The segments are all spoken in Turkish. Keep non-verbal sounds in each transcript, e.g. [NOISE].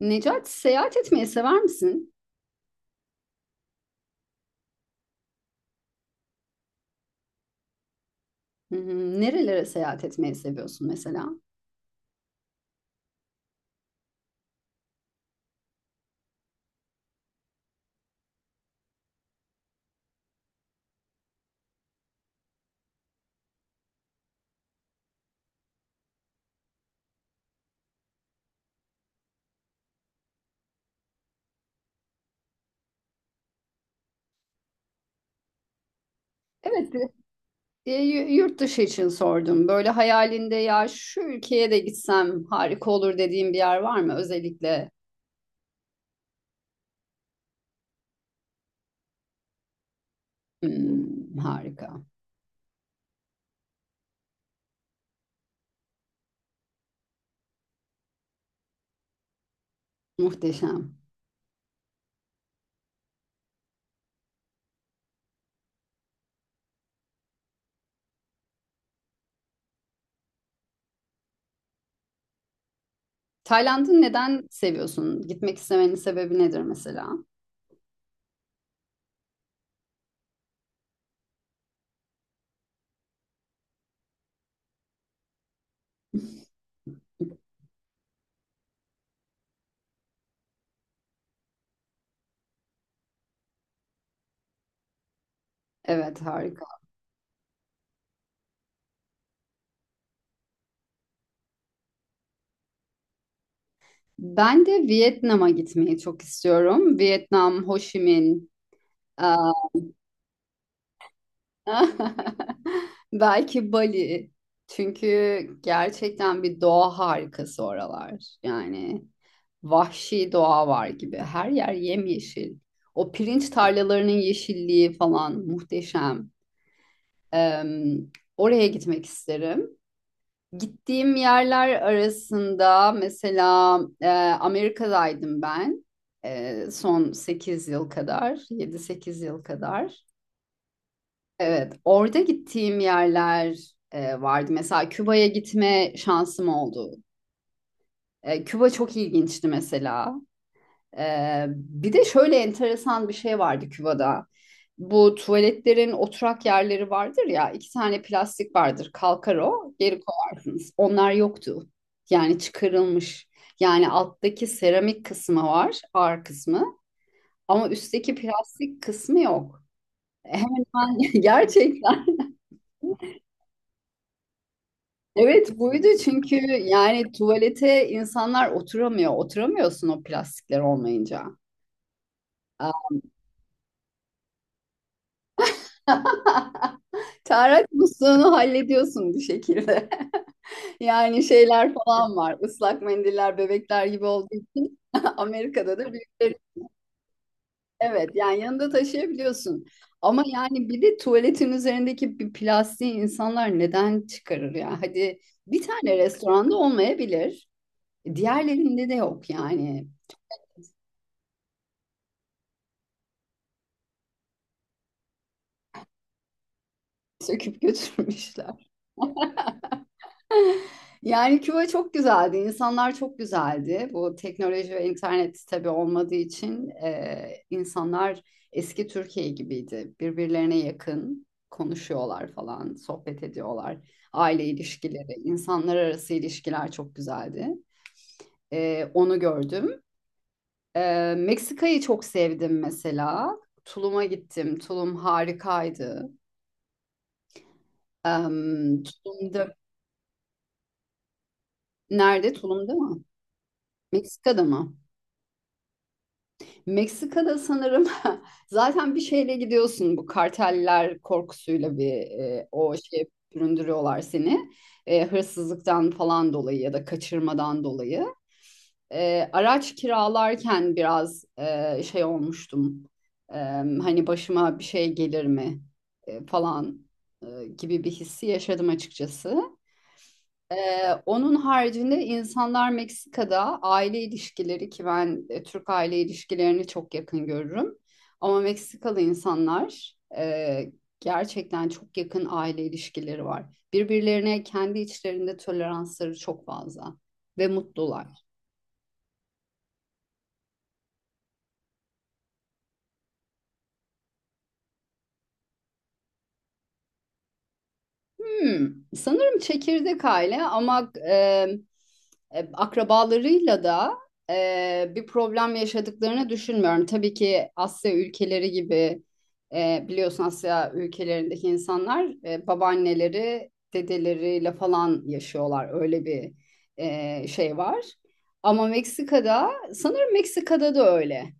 Necati seyahat etmeyi sever misin? Hı hı. Nerelere seyahat etmeyi seviyorsun mesela? Evet, yurt dışı için sordum. Böyle hayalinde ya şu ülkeye de gitsem harika olur dediğin bir yer var mı? Özellikle. Hmm, harika. Muhteşem. Tayland'ı neden seviyorsun? Gitmek istemenin sebebi nedir mesela? Evet, harika. Ben de Vietnam'a gitmeyi çok istiyorum. Vietnam, Ho Chi Minh, aa, [LAUGHS] belki Bali. Çünkü gerçekten bir doğa harikası oralar. Yani vahşi doğa var gibi. Her yer yemyeşil. O pirinç tarlalarının yeşilliği falan muhteşem. Eee, oraya gitmek isterim. Gittiğim yerler arasında mesela Amerika'daydım ben. Son 8 yıl kadar, yedi sekiz yıl kadar. Evet, orada gittiğim yerler vardı. Mesela Küba'ya gitme şansım oldu. Küba çok ilginçti mesela. Bir de şöyle enteresan bir şey vardı Küba'da. Bu tuvaletlerin oturak yerleri vardır ya, 2 tane plastik vardır. Kalkar o, geri koyarsınız. Onlar yoktu. Yani çıkarılmış. Yani alttaki seramik kısmı var, ağır kısmı. Ama üstteki plastik kısmı yok. Hemen [LAUGHS] hemen gerçekten. Evet, buydu çünkü yani tuvalete insanlar oturamıyor. Oturamıyorsun o plastikler olmayınca. [LAUGHS] Tarak musluğunu hallediyorsun bir şekilde. [LAUGHS] Yani şeyler falan var. Islak mendiller bebekler gibi olduğu için [LAUGHS] Amerika'da da büyükleri, evet, yani yanında taşıyabiliyorsun. Ama yani bir de tuvaletin üzerindeki bir plastiği insanlar neden çıkarır ya? Hadi bir tane restoranda olmayabilir. Diğerlerinde de yok yani. Söküp götürmüşler. Yani Küba çok güzeldi, insanlar çok güzeldi. Bu teknoloji ve internet tabii olmadığı için insanlar eski Türkiye gibiydi. Birbirlerine yakın konuşuyorlar falan, sohbet ediyorlar. Aile ilişkileri, insanlar arası ilişkiler çok güzeldi. Onu gördüm. Meksika'yı çok sevdim mesela. Tulum'a gittim. Tulum harikaydı. Tulum'da, nerede? Tulum'da mı? Meksika'da mı? Meksika'da sanırım [LAUGHS] zaten bir şeyle gidiyorsun, bu karteller korkusuyla bir o şey süründürüyorlar seni. Hırsızlıktan falan dolayı ya da kaçırmadan dolayı. Araç kiralarken biraz şey olmuştum. E, hani başıma bir şey gelir mi falan gibi bir hissi yaşadım açıkçası. Onun haricinde insanlar Meksika'da aile ilişkileri, ki ben Türk aile ilişkilerini çok yakın görürüm. Ama Meksikalı insanlar, gerçekten çok yakın aile ilişkileri var. Birbirlerine kendi içlerinde toleransları çok fazla ve mutlular. Hmm, sanırım çekirdek aile, ama akrabalarıyla da bir problem yaşadıklarını düşünmüyorum. Tabii ki Asya ülkeleri gibi, biliyorsun, Asya ülkelerindeki insanlar babaanneleri dedeleriyle falan yaşıyorlar. Öyle bir şey var. Ama Meksika'da sanırım, Meksika'da da öyle.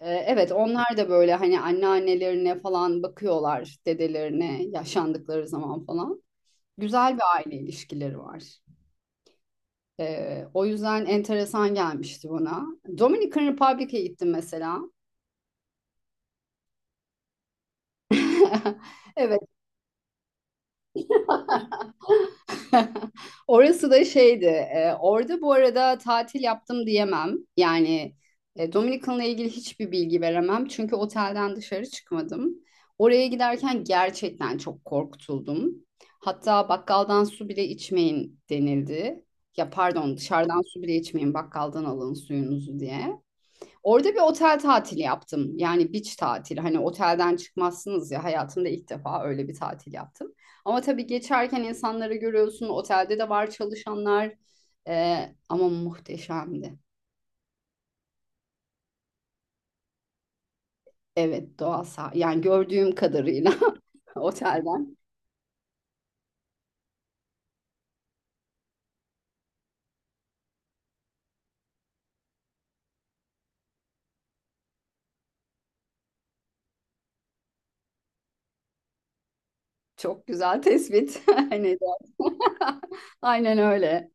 Evet, onlar da böyle hani anneannelerine falan bakıyorlar, dedelerine, yaşandıkları zaman falan. Güzel bir aile ilişkileri var. O yüzden enteresan gelmişti bana. Dominican Republic'e gittim mesela. [LAUGHS] Evet, orası da şeydi. Orada bu arada tatil yaptım diyemem. Yani Dominican'la ilgili hiçbir bilgi veremem. Çünkü otelden dışarı çıkmadım. Oraya giderken gerçekten çok korkutuldum. Hatta bakkaldan su bile içmeyin denildi. Ya pardon, dışarıdan su bile içmeyin, bakkaldan alın suyunuzu diye. Orada bir otel tatili yaptım. Yani beach tatili. Hani otelden çıkmazsınız ya. Hayatımda ilk defa öyle bir tatil yaptım. Ama tabii geçerken insanları görüyorsun. Otelde de var çalışanlar. Ama muhteşemdi. Evet, doğal yani gördüğüm kadarıyla [LAUGHS] otelden. Çok güzel tespit. [LAUGHS] Hani [LAUGHS] aynen öyle.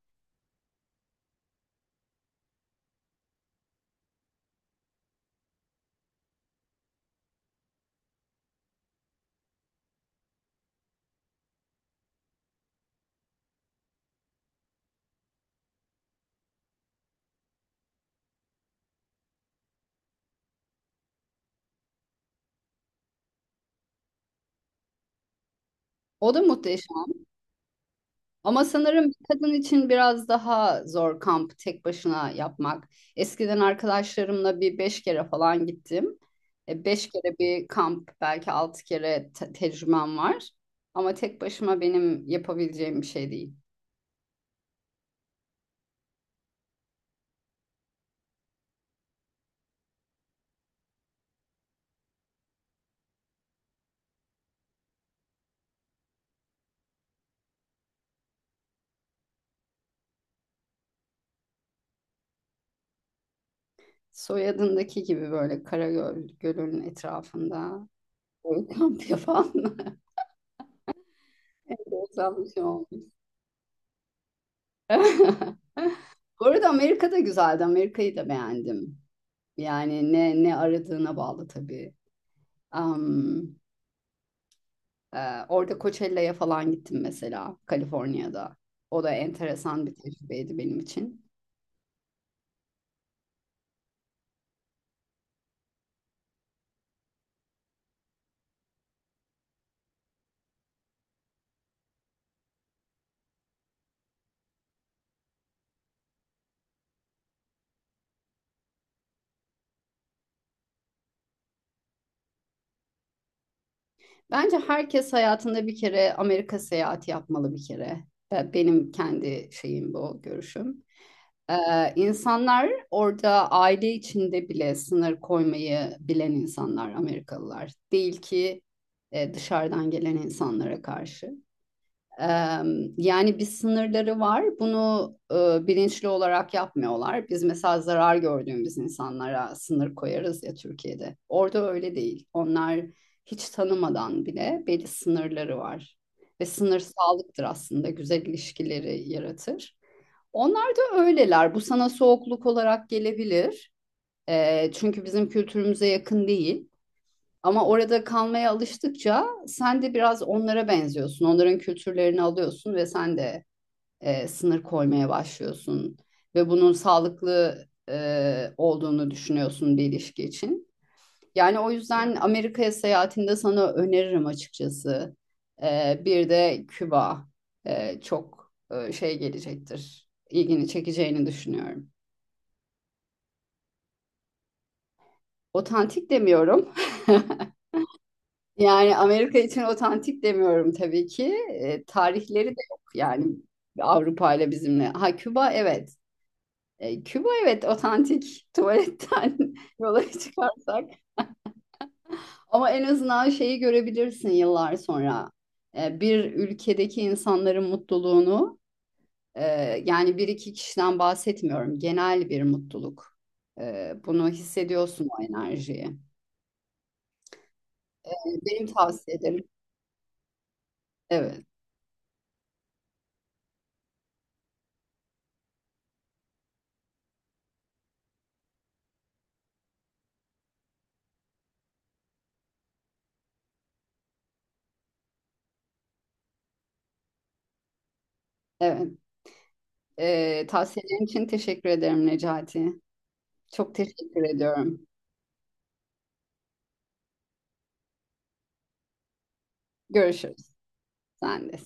O da muhteşem. Ama sanırım bir kadın için biraz daha zor kamp tek başına yapmak. Eskiden arkadaşlarımla bir 5 kere falan gittim. Beş kere bir kamp, belki 6 kere tecrübem var. Ama tek başıma benim yapabileceğim bir şey değil. Soyadındaki gibi böyle Karagöl Gölü'nün etrafında böyle kamp [LAUGHS] yapan. Güzelmiş oldu. [LAUGHS] Bu arada Amerika da güzeldi. Amerika'yı da beğendim. Yani ne aradığına bağlı tabii. Am, e, orada Coachella'ya falan gittim mesela, Kaliforniya'da. O da enteresan bir tecrübeydi benim için. Bence herkes hayatında bir kere Amerika seyahati yapmalı, bir kere. Benim kendi şeyim, bu görüşüm. İnsanlar orada aile içinde bile sınır koymayı bilen insanlar, Amerikalılar. Değil ki dışarıdan gelen insanlara karşı. Yani bir sınırları var. Bunu bilinçli olarak yapmıyorlar. Biz mesela zarar gördüğümüz insanlara sınır koyarız ya, Türkiye'de. Orada öyle değil. Onlar hiç tanımadan bile belli sınırları var. Ve sınır sağlıktır aslında. Güzel ilişkileri yaratır. Onlar da öyleler. Bu sana soğukluk olarak gelebilir. Çünkü bizim kültürümüze yakın değil. Ama orada kalmaya alıştıkça sen de biraz onlara benziyorsun. Onların kültürlerini alıyorsun ve sen de sınır koymaya başlıyorsun. Ve bunun sağlıklı olduğunu düşünüyorsun bir ilişki için. Yani o yüzden Amerika'ya seyahatinde sana öneririm açıkçası. Bir de Küba çok şey gelecektir. İlgini çekeceğini düşünüyorum. Otantik demiyorum. [LAUGHS] Yani Amerika için otantik demiyorum tabii ki. Tarihleri de yok yani, Avrupa ile, bizimle. Ha, Küba, evet. Küba, evet, otantik tuvaletten [LAUGHS] yola çıkarsak. Ama en azından şeyi görebilirsin yıllar sonra. Bir ülkedeki insanların mutluluğunu, e, yani bir iki kişiden bahsetmiyorum. Genel bir mutluluk. Bunu hissediyorsun, o enerjiyi. Benim tavsiye ederim. Evet. Evet. Tavsiyelerin için teşekkür ederim Necati. Çok teşekkür ediyorum. Görüşürüz. Sen de.